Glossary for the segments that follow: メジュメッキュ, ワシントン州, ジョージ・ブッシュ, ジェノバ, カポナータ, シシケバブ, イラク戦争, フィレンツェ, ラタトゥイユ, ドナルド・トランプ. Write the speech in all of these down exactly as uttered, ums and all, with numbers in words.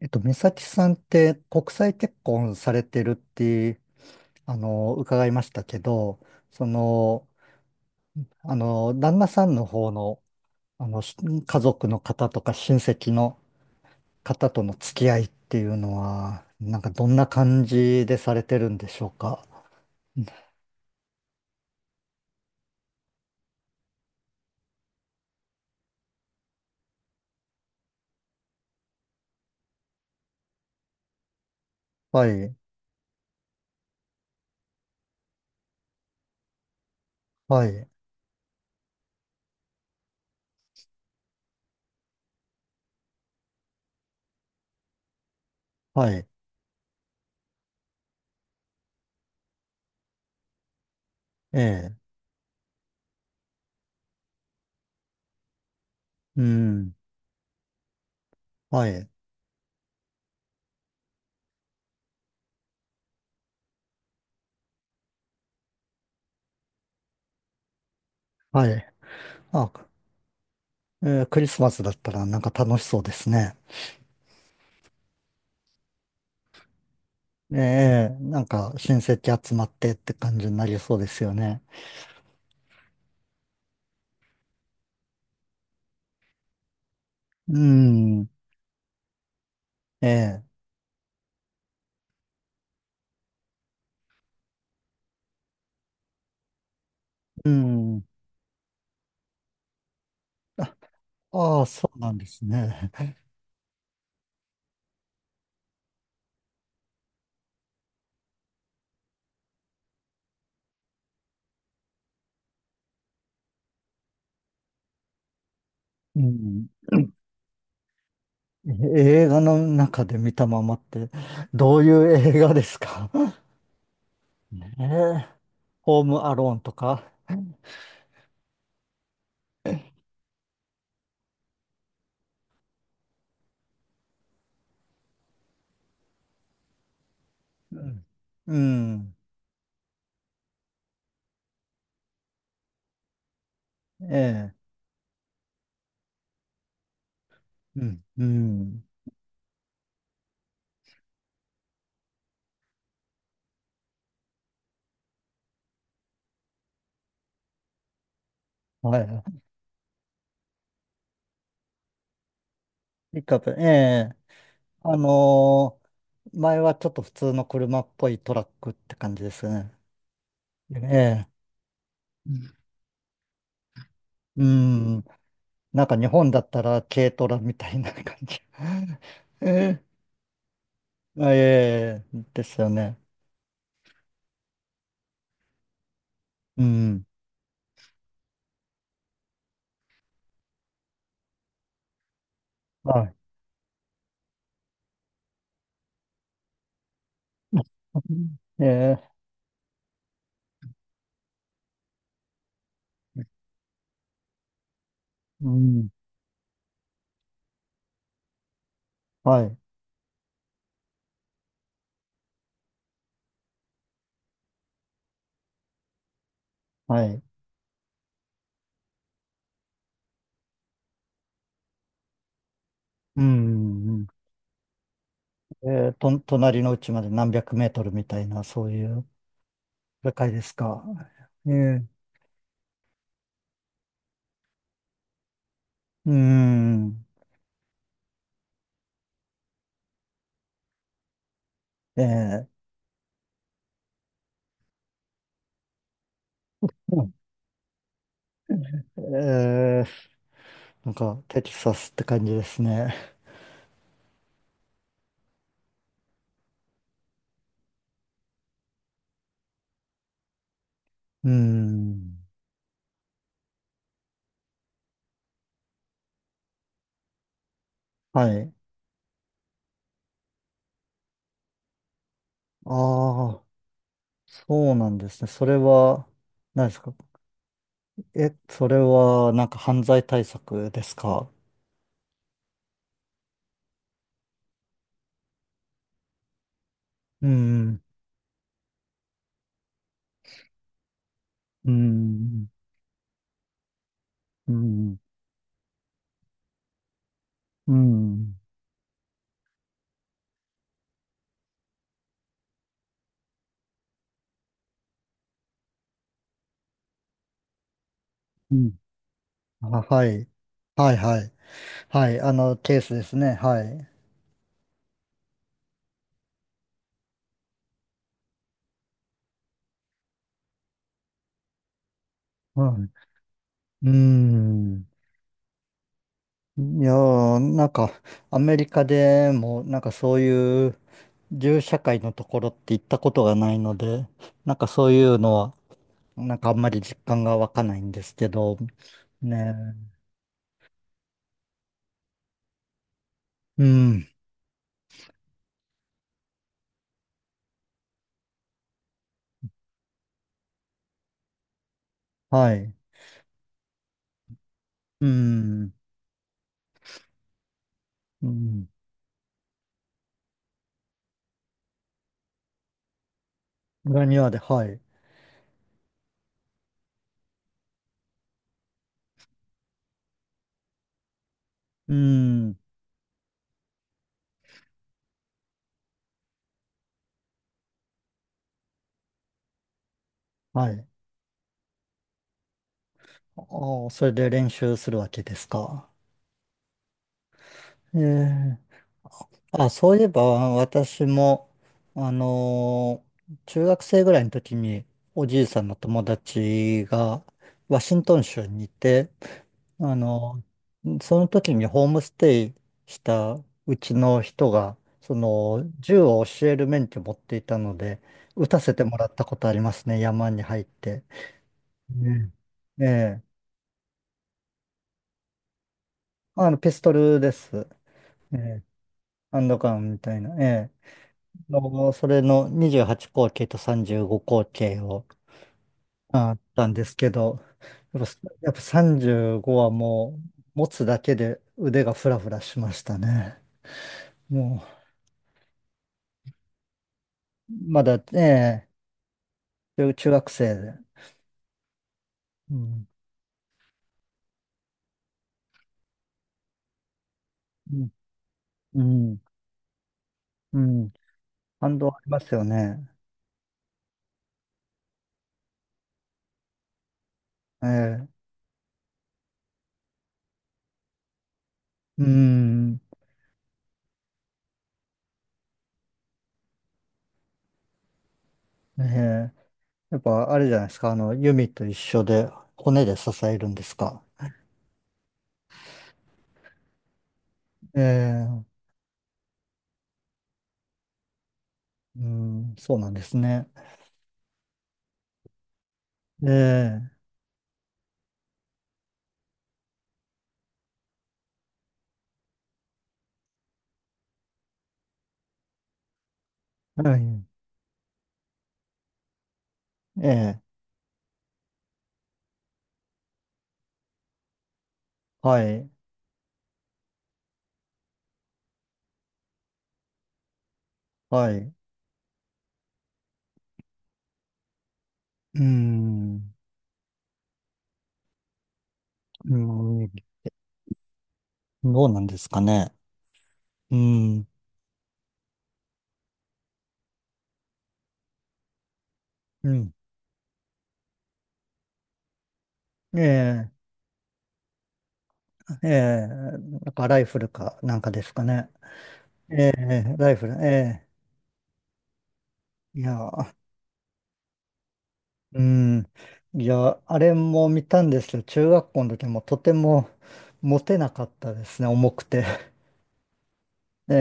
えっと、美咲さんって国際結婚されてるって、あの、伺いましたけど、その、あの、旦那さんの方の、あの、し家族の方とか親戚の方との付き合いっていうのは、なんかどんな感じでされてるんでしょうか。はい、はい、はい、ええ、うん、はい、はい。あ、えークリスマスだったらなんか楽しそうですね。ええ、なんか親戚集まってって感じになりそうですよね。うん、ええ、うん。ああ、そうなんですね。うん。え映画の中で見たままって、どういう映画ですか？ ねえ、ホームアローンとか。うん。うん。ええ、うん。うん。はい。いかと、ええ、あのー前はちょっと普通の車っぽいトラックって感じですね。ええ。うん。なんか日本だったら軽トラみたいな感じ。えー、あえー、ですよね。うん。はい。えー、うん。はい。はい。うん。うん。えー、と、隣の家まで何百メートルみたいな、そういう世界ですか。えー、うん。えー、うん。えー、なんかテキサスって感じですね。うん。はい。ああ。そうなんですね。それは、何ですか？え、それは、なんか犯罪対策ですか？うん、うん、うん、うん、うん。あ、はい。はい、はい。はい、あの、ケースですね。はい。はい。うん。いやー、なんか、アメリカでも、なんかそういう、銃社会のところって行ったことがないので、なんかそういうのは、なんかあんまり実感が湧かないんですけど、ね。うん、はい。うん、うん。裏庭で、はい。うん、はい。ああ、それで練習するわけですか。ええ。あ、そういえば、私も、あのー中学生ぐらいの時に、おじいさんの友達が、ワシントン州にいて、あのその時にホームステイしたうちの人が、その銃を教える免許持っていたので、撃たせてもらったことありますね、山に入って。ね。ええ、あの、ピストルです。ええ、ハンドガンみたいな。ええ、の、それのにじゅうはち口径とさんじゅうご口径を、あったんですけど、やっぱ、やっぱさんじゅうごはもう、持つだけで腕がフラフラしましたね。もう、まだ、ね中中学生で。うん。うん。うん。うん。感動ありますよね。ええ。うん。ええ。やっぱあれじゃないですか。あの、弓と一緒で骨で支えるんですか。ええ。うん。そうなんですね。ええ。はい。ええ。はい。はい。うん。うん。どうなんですかね。うん。うん。ええ。ええ。なんかライフルかなんかですかね。ええ。ライフル。ええ。いやー、うん。いや、あれも見たんですけど、中学校の時もとてもモテなかったですね、重くて。え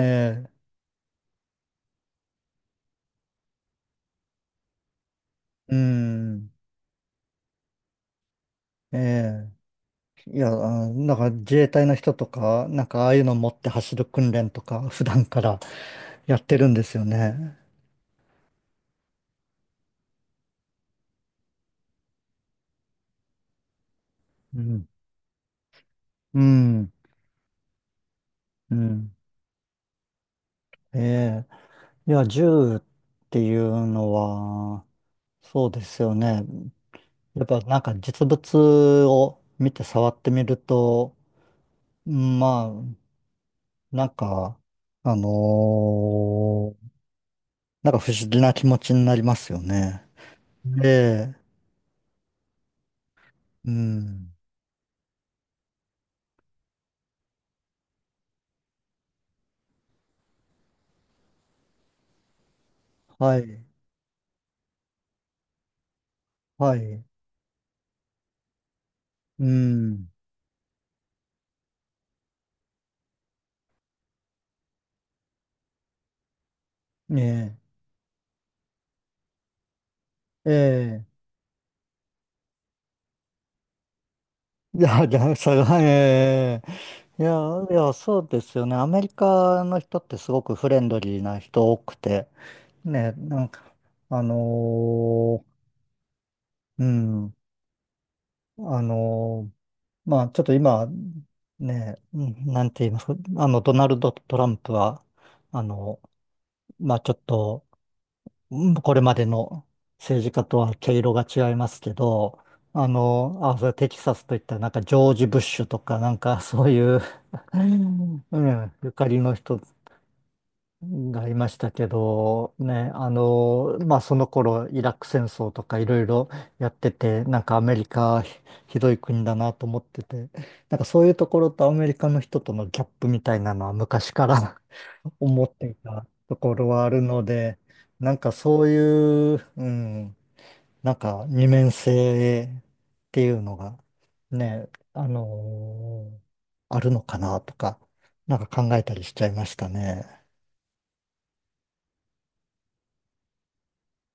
え、うん。ええ。いや、あなんか自衛隊の人とか、なんかああいうの持って走る訓練とか、普段からやってるんですよね。うん。うん。うん。ええ。いや、銃っていうのは、そうですよね。やっぱなんか実物を見て触ってみると、まあ、なんか、あのーなんか不思議な気持ちになりますよね。ええ、うん。はい、はい、うん。ねえ、ええ。いや、いや、それは、ええ。いや、いや、そうですよね。アメリカの人ってすごくフレンドリーな人多くて、ね、なんか、あのーうん、あのーまあ、ちょっと今、ね、うん。なんて言いますか、あの、ドナルド・トランプは、あの、まあちょっと、うん。これまでの政治家とは毛色が違いますけど、あの、あ、それテキサスといったらなんかジョージ・ブッシュとか、なんかそういう、うん、うん。ゆかりの人がいましたけど、ね、あの、まあ、その頃、イラク戦争とかいろいろやってて、なんかアメリカひひどい国だなと思ってて、なんかそういうところとアメリカの人とのギャップみたいなのは昔から 思っていたところはあるので、なんかそういう、うん、なんか二面性っていうのが、ね、あのあるのかなとか、なんか考えたりしちゃいましたね。